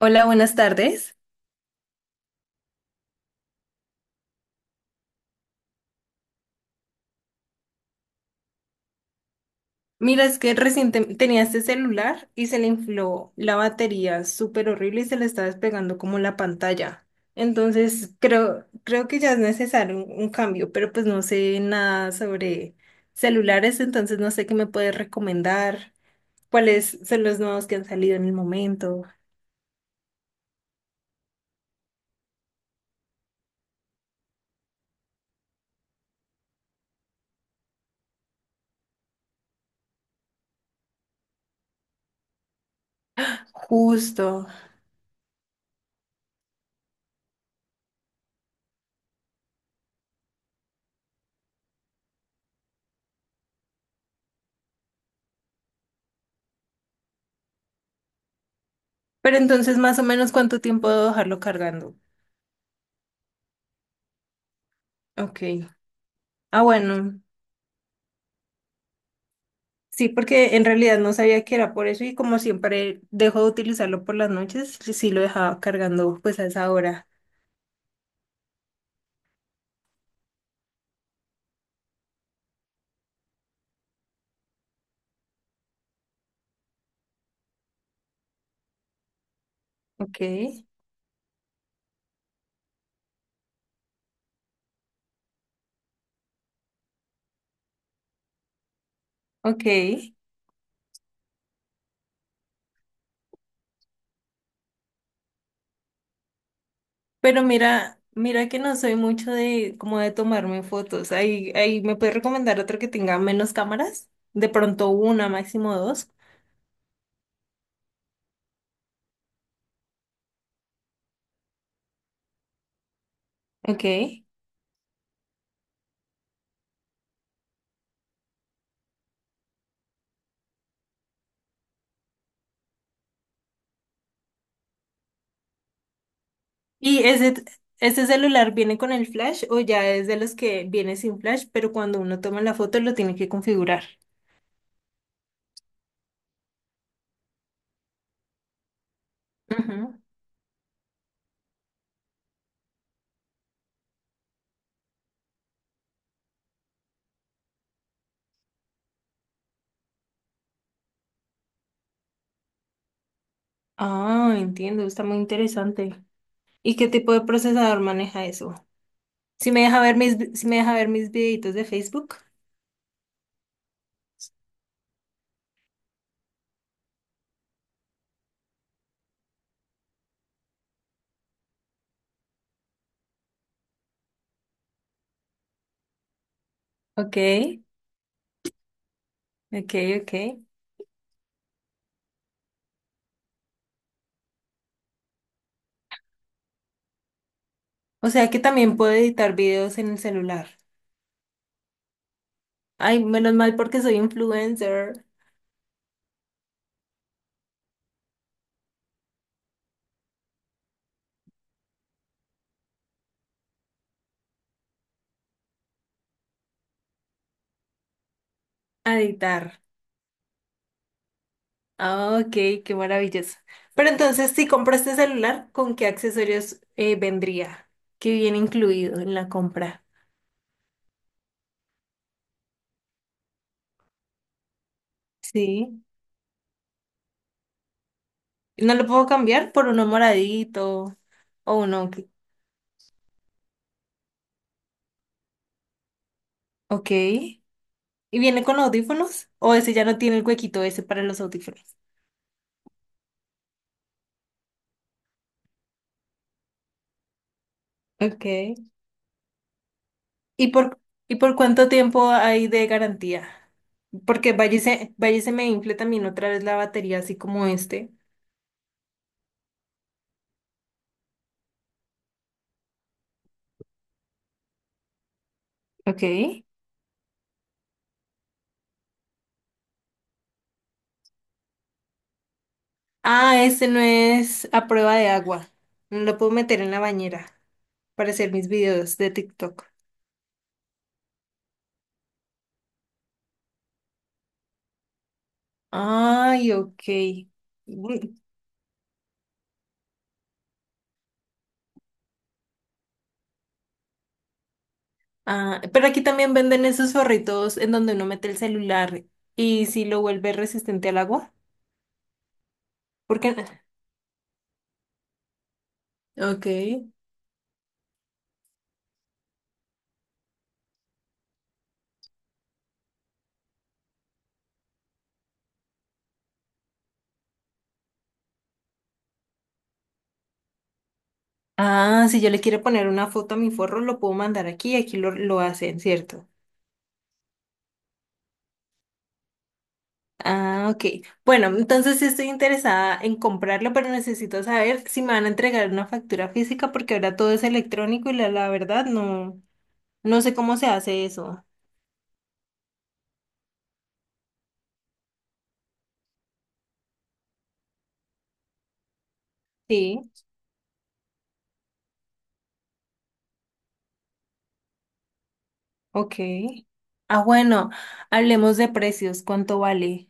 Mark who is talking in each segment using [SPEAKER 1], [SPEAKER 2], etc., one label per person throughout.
[SPEAKER 1] Hola, buenas tardes. Mira, es que recién tenía este celular y se le infló la batería súper horrible y se le está despegando como la pantalla. Entonces, creo que ya es necesario un cambio, pero pues no sé nada sobre celulares, entonces no sé qué me puedes recomendar, cuáles son los nuevos que han salido en el momento, justo. Pero entonces, más o menos, ¿cuánto tiempo debo dejarlo cargando? Ok. Ah, bueno. Sí, porque en realidad no sabía que era por eso y como siempre dejo de utilizarlo por las noches, sí lo dejaba cargando pues a esa hora. Ok, ok. Pero mira que no soy mucho de como de tomarme fotos. Ahí me puedes recomendar otro que tenga menos cámaras, de pronto una, máximo dos. Ok. ¿Y ese, ¿ese celular viene con el flash o ya es de los que viene sin flash, pero cuando uno toma la foto lo tiene que configurar? Ujú. Ah, entiendo, está muy interesante. ¿Y qué tipo de procesador maneja eso? Si me deja ver si me deja ver mis videitos de Facebook. Ok, ok, ok. O sea que también puedo editar videos en el celular. Ay, menos mal porque soy influencer. A editar. Ah, ok, qué maravilloso. Pero entonces, si compro este celular, ¿con qué accesorios vendría? ¿Qué viene incluido en la compra? Sí. ¿No lo puedo cambiar por uno moradito o uno? Que- Ok. ¿Y viene con audífonos? ¿O ese ya no tiene el huequito ese para los audífonos? Okay. ¿Y por, ¿y por cuánto tiempo hay de garantía? Porque vaya y se me infle también otra vez la batería, así como este. Ok. Ah, este no es a prueba de agua. No lo puedo meter en la bañera para hacer mis videos de TikTok. Ay, ok. Mm, ah, pero aquí también venden esos forritos en donde uno mete el celular y si lo vuelve resistente al agua. ¿Por qué? Ok. Ah, si yo le quiero poner una foto a mi forro, lo puedo mandar aquí y aquí lo hacen, ¿cierto? Ah, ok. Bueno, entonces sí estoy interesada en comprarlo, pero necesito saber si me van a entregar una factura física porque ahora todo es electrónico y la verdad no sé cómo se hace eso. Sí, ok. Ah, bueno, hablemos de precios, ¿cuánto vale?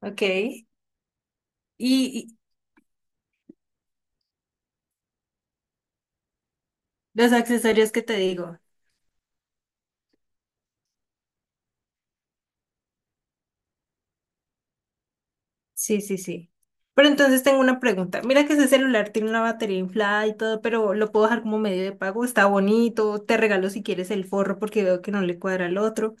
[SPEAKER 1] Ok. Y los accesorios que te digo. Sí, sí, sí. Pero entonces tengo una pregunta. Mira que ese celular tiene una batería inflada y todo, pero lo puedo dejar como medio de pago. Está bonito. Te regalo si quieres el forro porque veo que no le cuadra al otro.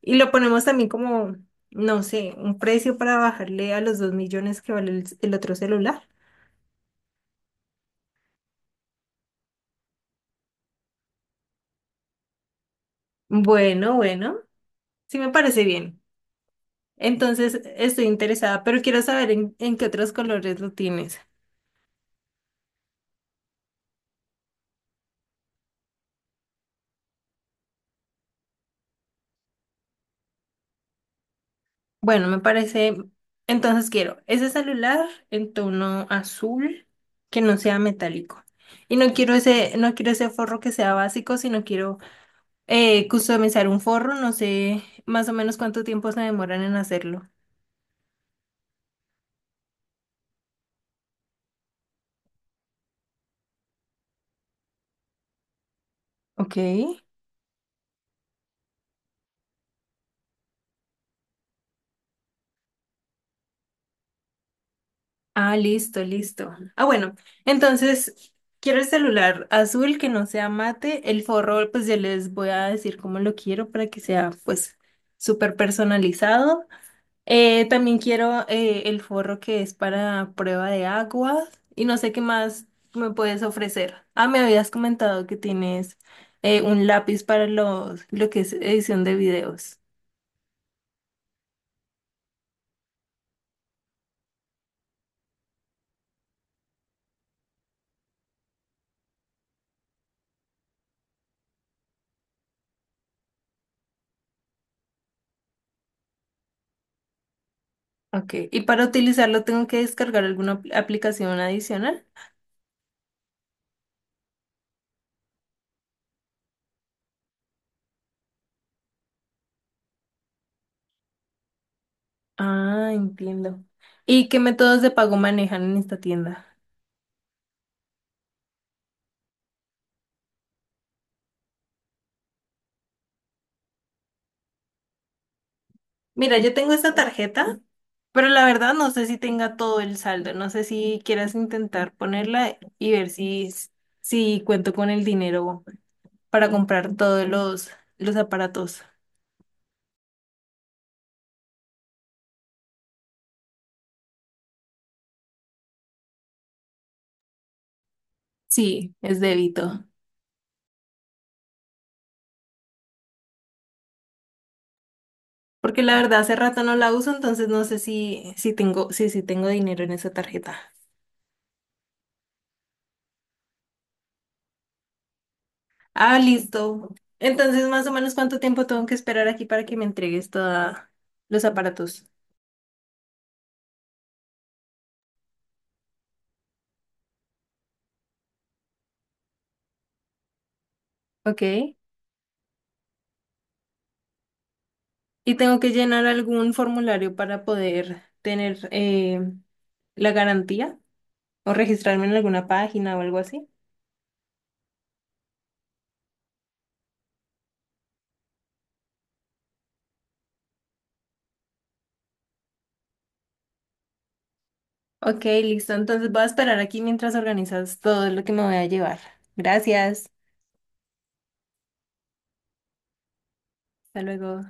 [SPEAKER 1] Y lo ponemos también como, no sé, un precio para bajarle a los 2 millones que vale el otro celular. Bueno, bueno. Sí me parece bien. Entonces estoy interesada, pero quiero saber en qué otros colores lo tienes. Bueno, me parece. Entonces quiero ese celular en tono azul que no sea metálico. Y no quiero ese forro que sea básico, sino quiero customizar un forro. No sé más o menos cuánto tiempo se demoran en hacerlo. Ok. Ah, listo, listo. Ah, bueno. Entonces quiero el celular azul que no sea mate. El forro, pues ya les voy a decir cómo lo quiero para que sea, pues, súper personalizado. También quiero el forro que es para prueba de agua y no sé qué más me puedes ofrecer. Ah, me habías comentado que tienes un lápiz para los, lo que es edición de videos. Ok, y para utilizarlo tengo que descargar alguna aplicación adicional. Ah, entiendo. ¿Y qué métodos de pago manejan en esta tienda? Mira, yo tengo esta tarjeta, pero la verdad no sé si tenga todo el saldo. No sé si quieras intentar ponerla y ver si cuento con el dinero para comprar todos los aparatos. Sí, es débito. Porque la verdad hace rato no la uso, entonces no sé si tengo, si tengo dinero en esa tarjeta. Ah, listo. Entonces, más o menos, ¿cuánto tiempo tengo que esperar aquí para que me entregues todos los aparatos? Ok. Y tengo que llenar algún formulario para poder tener la garantía o registrarme en alguna página o algo así. Ok, listo. Entonces voy a esperar aquí mientras organizas todo lo que me voy a llevar. Gracias. Hasta luego.